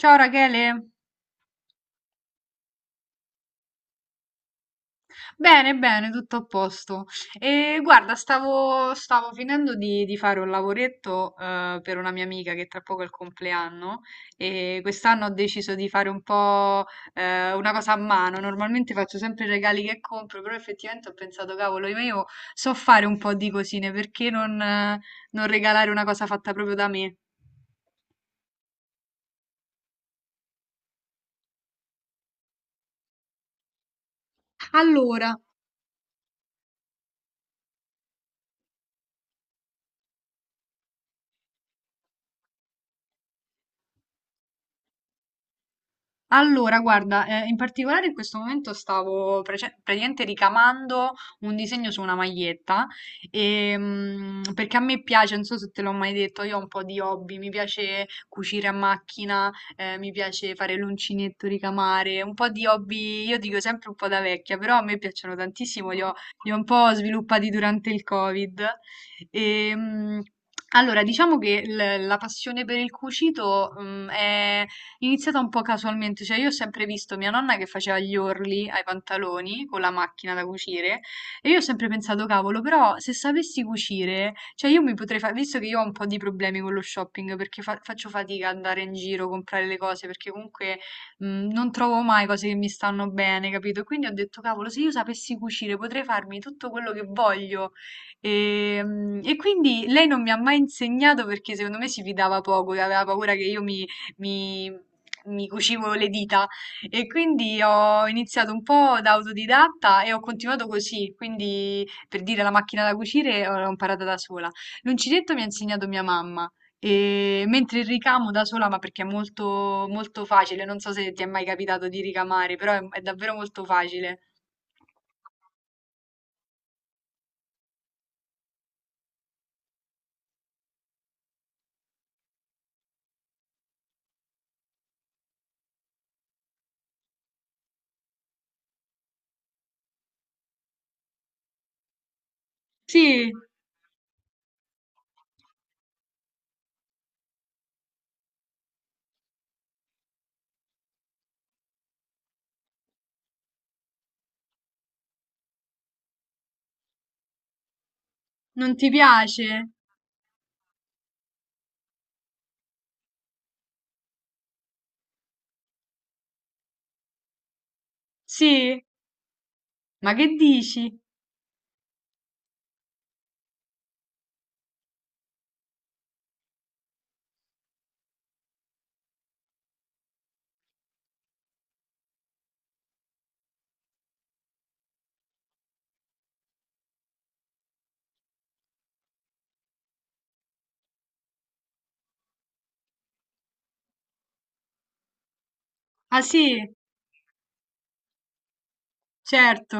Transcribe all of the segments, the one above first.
Ciao Rachele, bene, bene, tutto a posto. E guarda, stavo finendo di fare un lavoretto per una mia amica che tra poco è il compleanno e quest'anno ho deciso di fare un po' una cosa a mano. Normalmente faccio sempre i regali che compro, però effettivamente ho pensato, cavolo, io so fare un po' di cosine, perché non regalare una cosa fatta proprio da me? Allora, Allora, guarda, in particolare in questo momento stavo praticamente ricamando un disegno su una maglietta, e, perché a me piace, non so se te l'ho mai detto, io ho un po' di hobby, mi piace cucire a macchina, mi piace fare l'uncinetto, ricamare, un po' di hobby, io dico sempre un po' da vecchia, però a me piacciono tantissimo, li ho un po' sviluppati durante il Covid. E, allora, diciamo che la passione per il cucito, è iniziata un po' casualmente, cioè io ho sempre visto mia nonna che faceva gli orli ai pantaloni con la macchina da cucire e io ho sempre pensato, cavolo, però se sapessi cucire, cioè io mi potrei fare, visto che io ho un po' di problemi con lo shopping perché faccio fatica ad andare in giro, comprare le cose perché comunque mh, non trovo mai cose che mi stanno bene, capito? Quindi ho detto, cavolo, se io sapessi cucire potrei farmi tutto quello che voglio. E, e quindi lei non mi ha mai insegnato perché secondo me si fidava poco, aveva paura che io mi- mi cucivo le dita e quindi ho iniziato un po' da autodidatta e ho continuato così, quindi per dire la macchina da cucire l'ho imparata da sola. L'uncinetto mi ha insegnato mia mamma. E mentre il ricamo da sola, ma perché è molto, molto facile, non so se ti è mai capitato di ricamare, però è davvero molto facile. Sì, non ti piace? Sì, ma che dici? Ah sì, certo.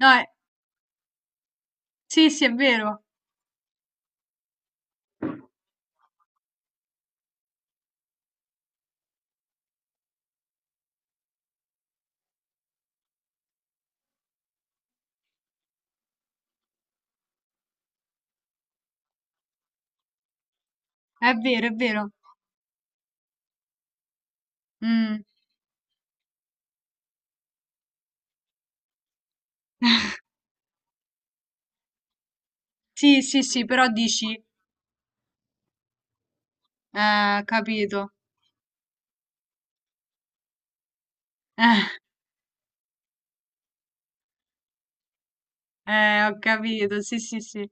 No, sì, sì, è vero. È vero, è vero. Mm. Sì, sì, sì, però dici, capito. Ho capito, sì, sì, sì.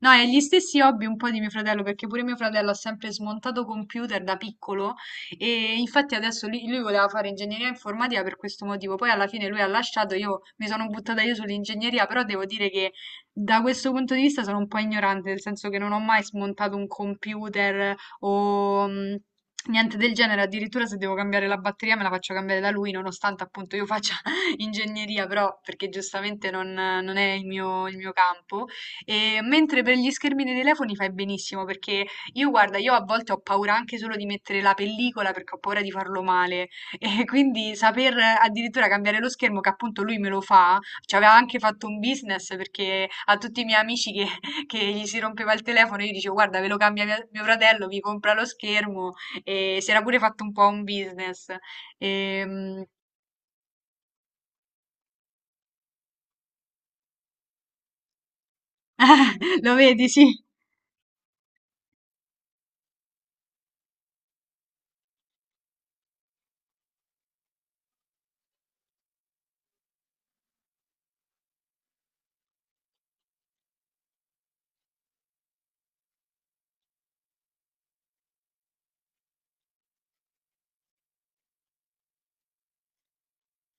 No, e gli stessi hobby un po' di mio fratello, perché pure mio fratello ha sempre smontato computer da piccolo e infatti adesso lui voleva fare ingegneria informatica per questo motivo, poi alla fine lui ha lasciato, io mi sono buttata io sull'ingegneria, però devo dire che da questo punto di vista sono un po' ignorante, nel senso che non ho mai smontato un computer o niente del genere, addirittura se devo cambiare la batteria me la faccio cambiare da lui, nonostante appunto io faccia ingegneria, però perché giustamente non è il mio campo. E mentre per gli schermi dei telefoni fai benissimo, perché io guarda, io a volte ho paura anche solo di mettere la pellicola perché ho paura di farlo male. E quindi saper addirittura cambiare lo schermo, che appunto lui me lo fa, ci aveva anche fatto un business perché a tutti i miei amici che, che gli si rompeva il telefono, io dicevo guarda, ve lo cambia mio fratello, vi compra lo schermo e si era pure fatto un po' un business. Ehm, lo vedi, sì.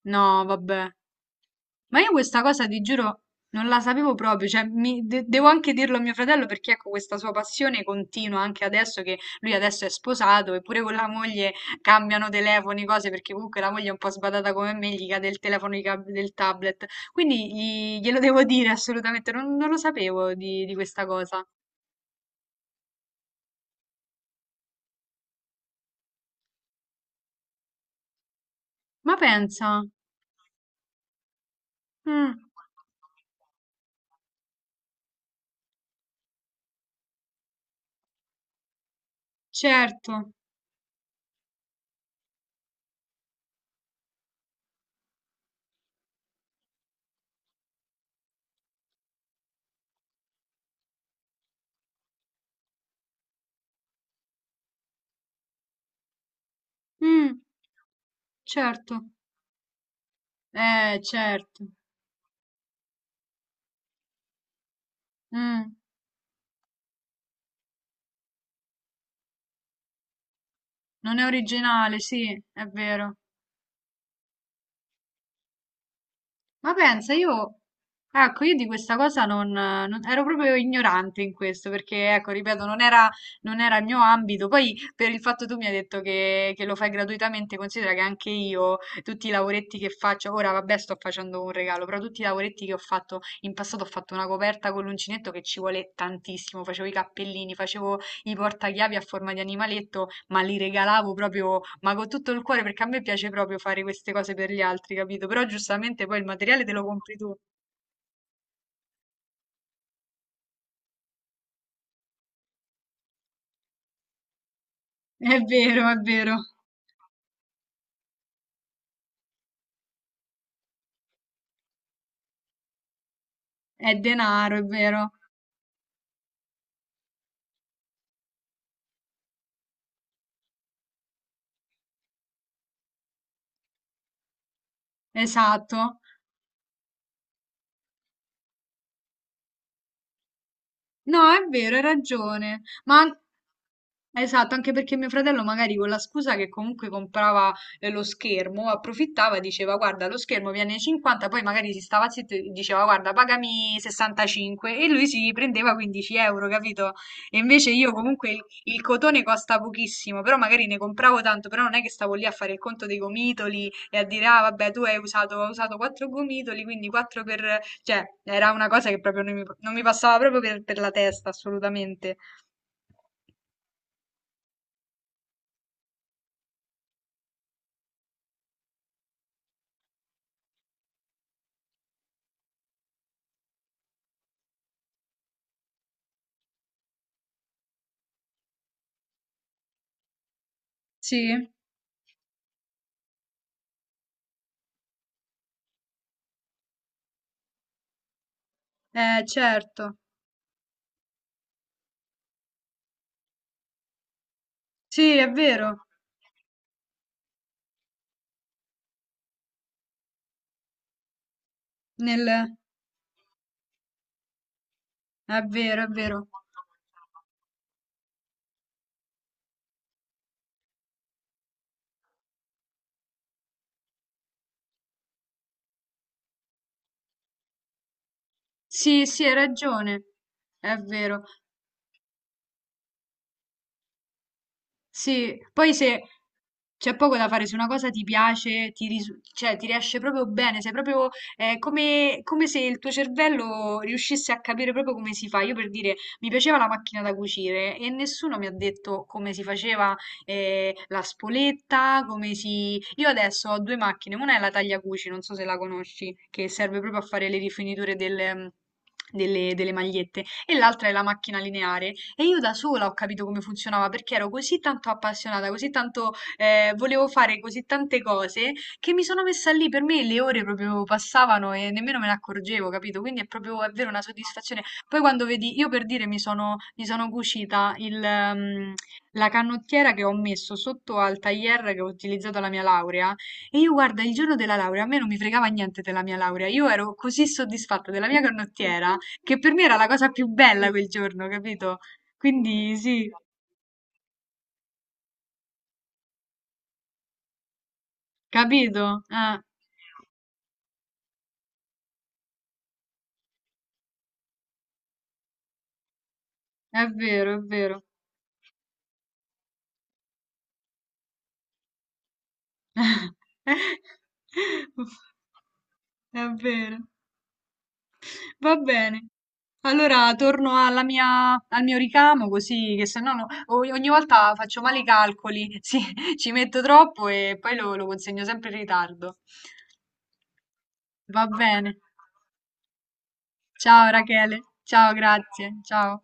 No, vabbè. Ma io questa cosa, ti giuro, non la sapevo proprio. Cioè, devo anche dirlo a mio fratello perché, ecco, questa sua passione continua anche adesso che lui adesso è sposato, eppure con la moglie cambiano telefoni, cose, perché comunque la moglie è un po' sbadata come me, gli cade il telefono, gli cade del tablet. Quindi glielo devo dire assolutamente, non lo sapevo di questa cosa. Ma pensa. Mm, certo. Mm, certo. Certo. Mm. Non è originale, sì, è vero. Ma pensa, io, ecco, io di questa cosa ero proprio ignorante in questo, perché, ecco, ripeto, non era il mio ambito. Poi, per il fatto tu mi hai detto che lo fai gratuitamente, considera che anche io, tutti i lavoretti che faccio, ora vabbè, sto facendo un regalo, però tutti i lavoretti che ho fatto in passato, ho fatto una coperta con l'uncinetto che ci vuole tantissimo, facevo i cappellini, facevo i portachiavi a forma di animaletto, ma li regalavo proprio ma con tutto il cuore, perché a me piace proprio fare queste cose per gli altri, capito? Però giustamente poi il materiale te lo compri tu. È vero, è vero. È denaro, è vero. Esatto. No, è vero, hai ragione. Ma esatto, anche perché mio fratello magari con la scusa che comunque comprava lo schermo, approfittava, e diceva guarda lo schermo viene 50, poi magari si stava zitto e diceva guarda pagami 65 e lui si prendeva 15 euro, capito? E invece io comunque il cotone costa pochissimo, però magari ne compravo tanto, però non è che stavo lì a fare il conto dei gomitoli e a dire ah vabbè tu hai usato 4 gomitoli, quindi 4 per... cioè era una cosa che proprio non mi passava proprio per la testa assolutamente. Sì. Certo. Sì, è vero. Nel... È vero, è vero. Sì, sì, hai ragione. È vero. Sì, poi se c'è poco da fare, se una cosa ti piace, cioè, ti riesce proprio bene, sei proprio come se il tuo cervello riuscisse a capire proprio come si fa. Io per dire, mi piaceva la macchina da cucire e nessuno mi ha detto come si faceva la spoletta, come si... Io adesso ho due macchine, una è la tagliacuci, non so se la conosci, che serve proprio a fare le rifiniture delle magliette e l'altra è la macchina lineare e io da sola ho capito come funzionava perché ero così tanto appassionata, così tanto volevo fare così tante cose che mi sono messa lì. Per me le ore proprio passavano e nemmeno me ne accorgevo, capito? Quindi è proprio, è vero, una soddisfazione. Poi quando vedi, io per dire mi sono cucita la canottiera che ho messo sotto al tailleur che ho utilizzato alla mia laurea. E io guarda, il giorno della laurea, a me non mi fregava niente della mia laurea, io ero così soddisfatta della mia canottiera che per me era la cosa più bella quel giorno, capito? Quindi sì, capito? Ah, è vero, è vero. È vero. Va bene. Allora torno alla mia, al mio ricamo così che se no ogni ogni volta faccio male i calcoli, sì, ci metto troppo e poi lo consegno sempre in ritardo. Va bene. Ciao Rachele, ciao, grazie, ciao.